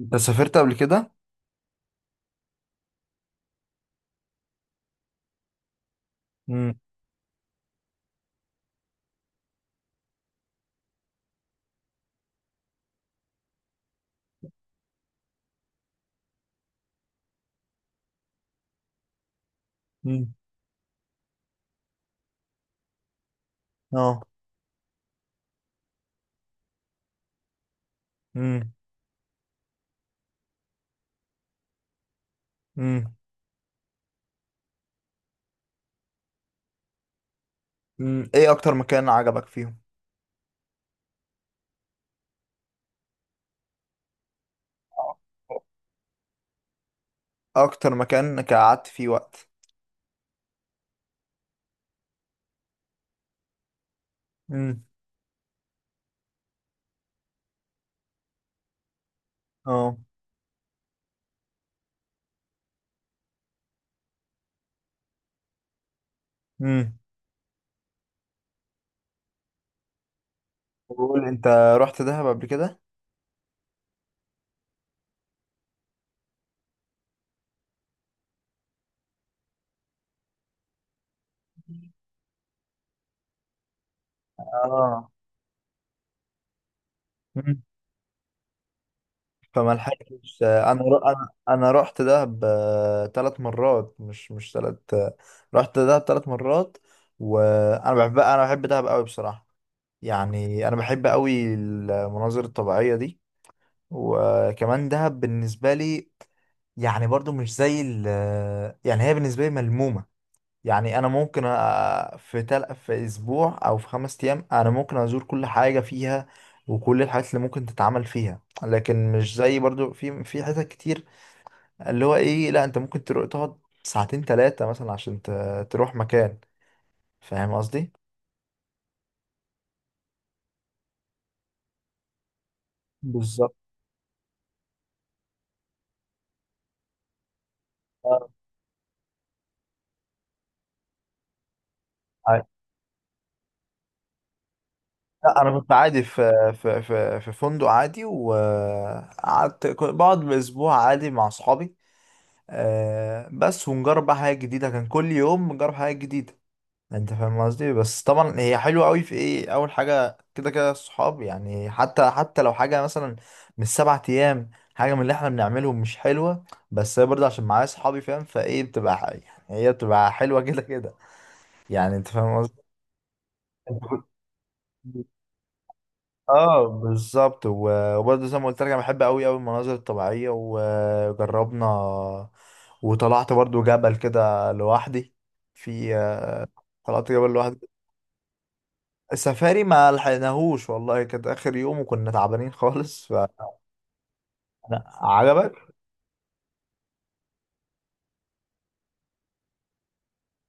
انت سافرت قبل كده؟ امم. امم. اه. امم. امم. امم، ايه اكتر مكان عجبك فيهم؟ اكتر مكان قعدت فيه وقت. امم. اه. امم. بقول انت، رحت دهب قبل كده؟ اه. امم. فما لحقتش انا انا رحت دهب ثلاث مرات، مش ثلاث. رحت دهب ثلاث مرات. وانا بحب دهب قوي بصراحة. يعني انا بحب قوي المناظر الطبيعية دي. وكمان دهب بالنسبة لي، يعني برضو مش زي ال... يعني هي بالنسبة لي ملمومة. يعني أنا ممكن في أسبوع أو في خمس أيام أنا ممكن أزور كل حاجة فيها، وكل الحاجات اللي ممكن تتعمل فيها، لكن مش زي برضو في حتت كتير، اللي هو إيه، لأ أنت ممكن تروح تقعد ساعتين تلاتة مثلا عشان تروح مكان. فاهم قصدي؟ بالظبط. لا انا كنت عادي في فندق عادي، وقعدت كنت بقعد باسبوع عادي مع اصحابي. بس ونجرب بقى حاجه جديده، كان كل يوم نجرب حاجه جديده، انت فاهم قصدي. بس طبعا هي حلوه قوي في ايه اول حاجه كده كده الصحاب، يعني حتى لو حاجه مثلا مش سبعة ايام، حاجه من اللي احنا بنعملهم مش حلوه، بس هي برضه عشان معايا صحابي، فاهم، يعني هي بتبقى حلوه كده كده، يعني انت فاهم قصدي. اه بالظبط، وبرضه زي ما قلت لك انا بحب قوي قوي المناظر الطبيعيه، وجربنا وطلعت برضه جبل كده لوحدي. في طلعت جبل لوحدي. السفاري ما لحقناهوش والله، كانت اخر يوم وكنا تعبانين خالص، ف... عجبك.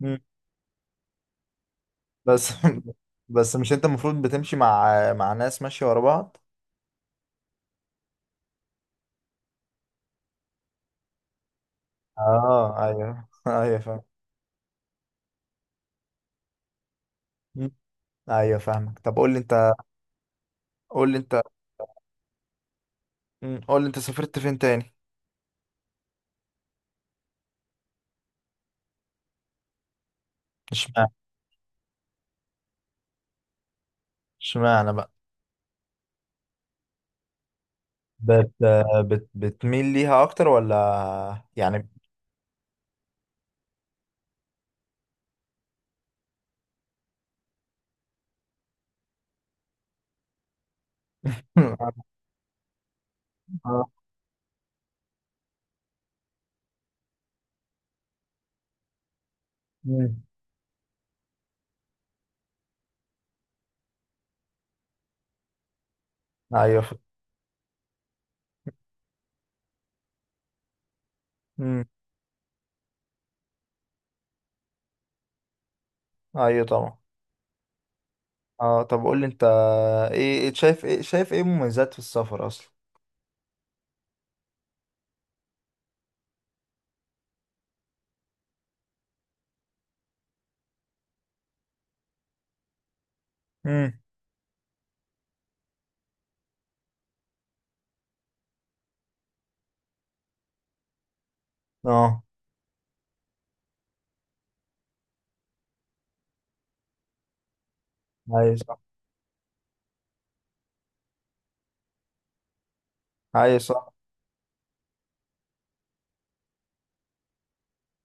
مم. بس بس مش انت المفروض بتمشي مع ناس ماشيه ورا بعض؟ اه ايوه ايوه فاهم. مم. ايوه فاهمك، طب قول لي انت، قول لي انت. مم. قول لي انت، سافرت فين تاني؟ اشمعنى؟ اشمعنى بقى؟ بت بت بتميل ليها اكتر ولا يعني؟ آه. مم. ايوه ف- مم. ايوه طبعا. اه طب قول لي انت، ايه إيه شايف ايه شايف ايه مميزات في السفر اصلا؟ امم. اه ايوه صح. ايوه صح.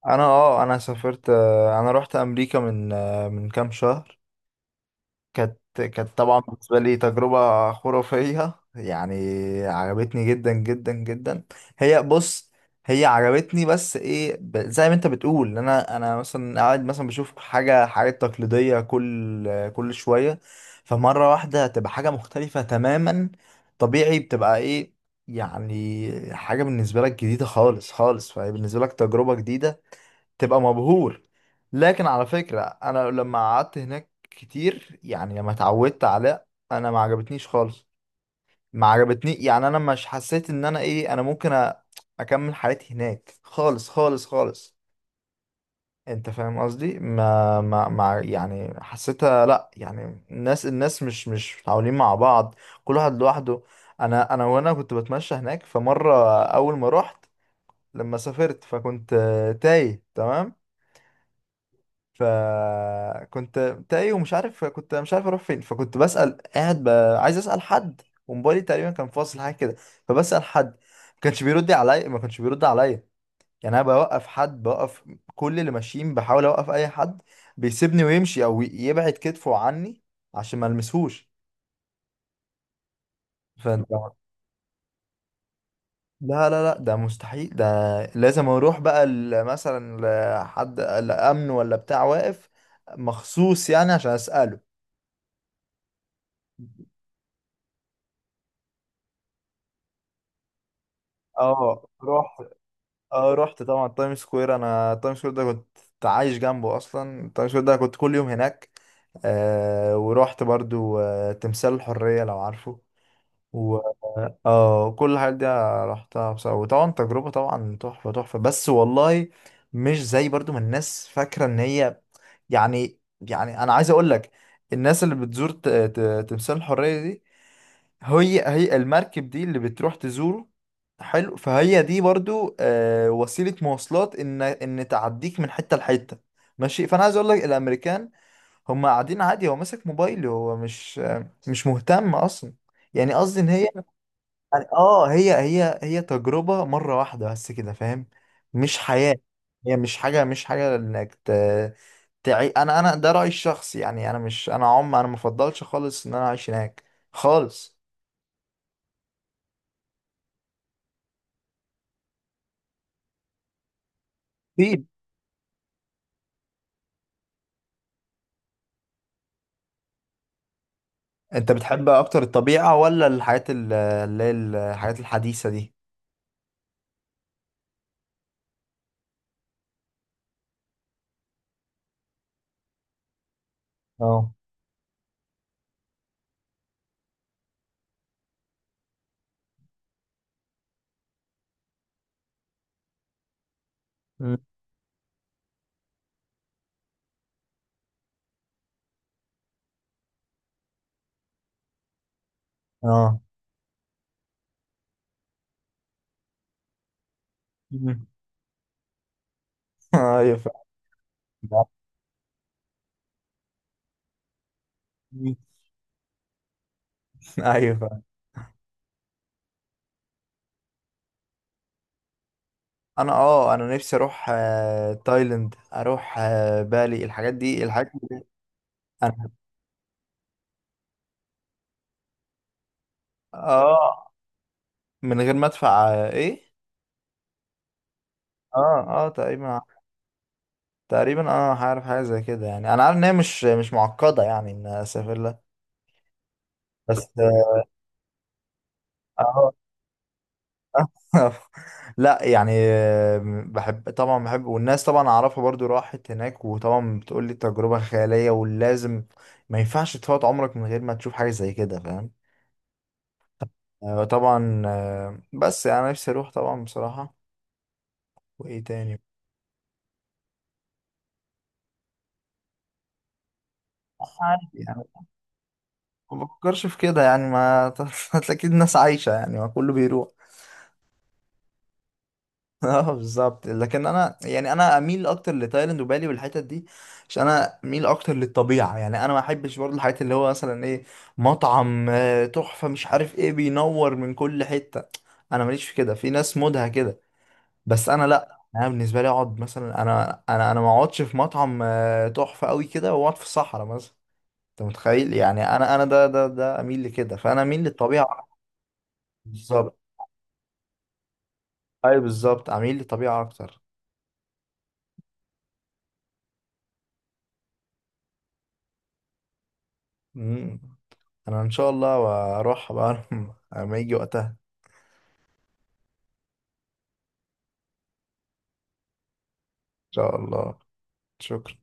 انا سافرت، انا رحت امريكا من، من كام شهر. كانت طبعا بالنسبة لي تجربة خرافية يعني. عجبتني جدا جدا جدا. هي بص، هي عجبتني، بس ايه، زي ما انت بتقول ان انا مثلا قاعد مثلا بشوف حاجة، حاجات تقليدية كل شوية، فمرة واحدة تبقى حاجة مختلفة تماما، طبيعي بتبقى ايه، يعني حاجة بالنسبة لك جديدة خالص خالص، فهي بالنسبة لك تجربة جديدة، تبقى مبهور. لكن على فكرة انا لما قعدت هناك كتير، يعني لما اتعودت على، انا ما عجبتنيش خالص. ما عجبتني، يعني انا مش حسيت ان انا ايه، انا ممكن اكمل حياتي هناك خالص خالص خالص. انت فاهم قصدي، ما يعني حسيتها، لا يعني الناس مش متعاونين مع بعض، كل واحد لوحده. انا انا وانا كنت بتمشى هناك، فمرة اول ما رحت، لما سافرت فكنت، تايه تمام. فكنت تايه ومش عارف، كنت مش عارف اروح فين، فكنت بسأل، قاعد ب... عايز اسأل حد، وموبايلي تقريبا كان فاصل حاجه كده، فبسأل حد، ما كانش بيرد عليا، ما كانش بيرد عليا. يعني انا بوقف حد، بوقف كل اللي ماشيين، بحاول اوقف اي حد، بيسيبني ويمشي او يبعد كتفه عني عشان ما المسهوش. فانت، لا لا لا ده مستحيل ده. لازم اروح بقى مثلا لحد الامن ولا بتاع واقف مخصوص يعني عشان اساله. اه رحت. اه رحت طبعا تايم سكوير، انا تايم سكوير ده كنت عايش جنبه اصلا، تايم سكوير ده كنت كل يوم هناك. آه ورحت برضو آه تمثال الحرية، لو عارفه، و... اه كل الحاجات دي رحتها بصراحة، وطبعا تجربة طبعا تحفة تحفة، بس والله مش زي برضو ما الناس فاكرة ان هي، يعني انا عايز اقول لك، الناس اللي بتزور تمثال الحرية دي، هي المركب دي اللي بتروح تزوره، حلو، فهي دي برضو، وسيلة مواصلات ان تعديك من حتة لحتة، ماشي. فانا عايز اقول لك الامريكان هم قاعدين عادي، هو ماسك موبايله، هو مش، مش مهتم اصلا. يعني قصدي ان هي، يعني اه هي تجربة مرة واحدة بس كده، فاهم، مش حياة. هي مش حاجة، مش حاجة انك ت... تعي. انا ده رأيي الشخصي، يعني انا مش انا عم انا مفضلش خالص ان انا اعيش هناك خالص. انت بتحب اكتر الطبيعة ولا الحاجات اللي هي الحاجات الحديثة دي؟ اه. مم. اه. مم. ايوه فعلا. مم. ايوه فعلا. انا نفسي اروح، تايلاند، اروح بالي، الحاجات دي. انا اه، من غير ما ادفع، ايه. اه. اه تقريبا. تقريبا اه، هعرف حاجة زي كده، يعني انا عارف ان هي مش، مش معقدة يعني ان اسافر لها. بس اه لا يعني، بحب طبعا بحب، والناس طبعا اعرفها برضو راحت هناك، وطبعا بتقول لي تجربة خيالية ولازم، ما ينفعش تفوت عمرك من غير ما تشوف حاجة زي كده، فاهم. طبعا بس، يعني انا نفسي اروح طبعا بصراحة. وايه تاني؟ عادي يعني، ما بفكرش في كده يعني، ما اكيد الناس عايشة يعني، ما كله بيروح. اه بالظبط. لكن انا يعني انا اميل اكتر لتايلاند وبالي والحتت دي، عشان انا اميل اكتر للطبيعه. يعني انا ما احبش برضه الحاجات اللي هو مثلا ايه، مطعم تحفه مش عارف ايه، بينور من كل حته، انا ماليش في كده، في ناس مودها كده. بس انا لا، انا بالنسبه لي اقعد مثلا، انا ما اقعدش في مطعم تحفه قوي كده، واقعد في الصحراء مثلا، انت متخيل؟ يعني انا انا ده اميل لكده، فانا اميل للطبيعه أكتر. بالظبط. اي بالظبط، اميل للطبيعه اكتر. مم. انا ان شاء الله واروح بقى. لما يجي وقتها ان شاء الله. شكرا.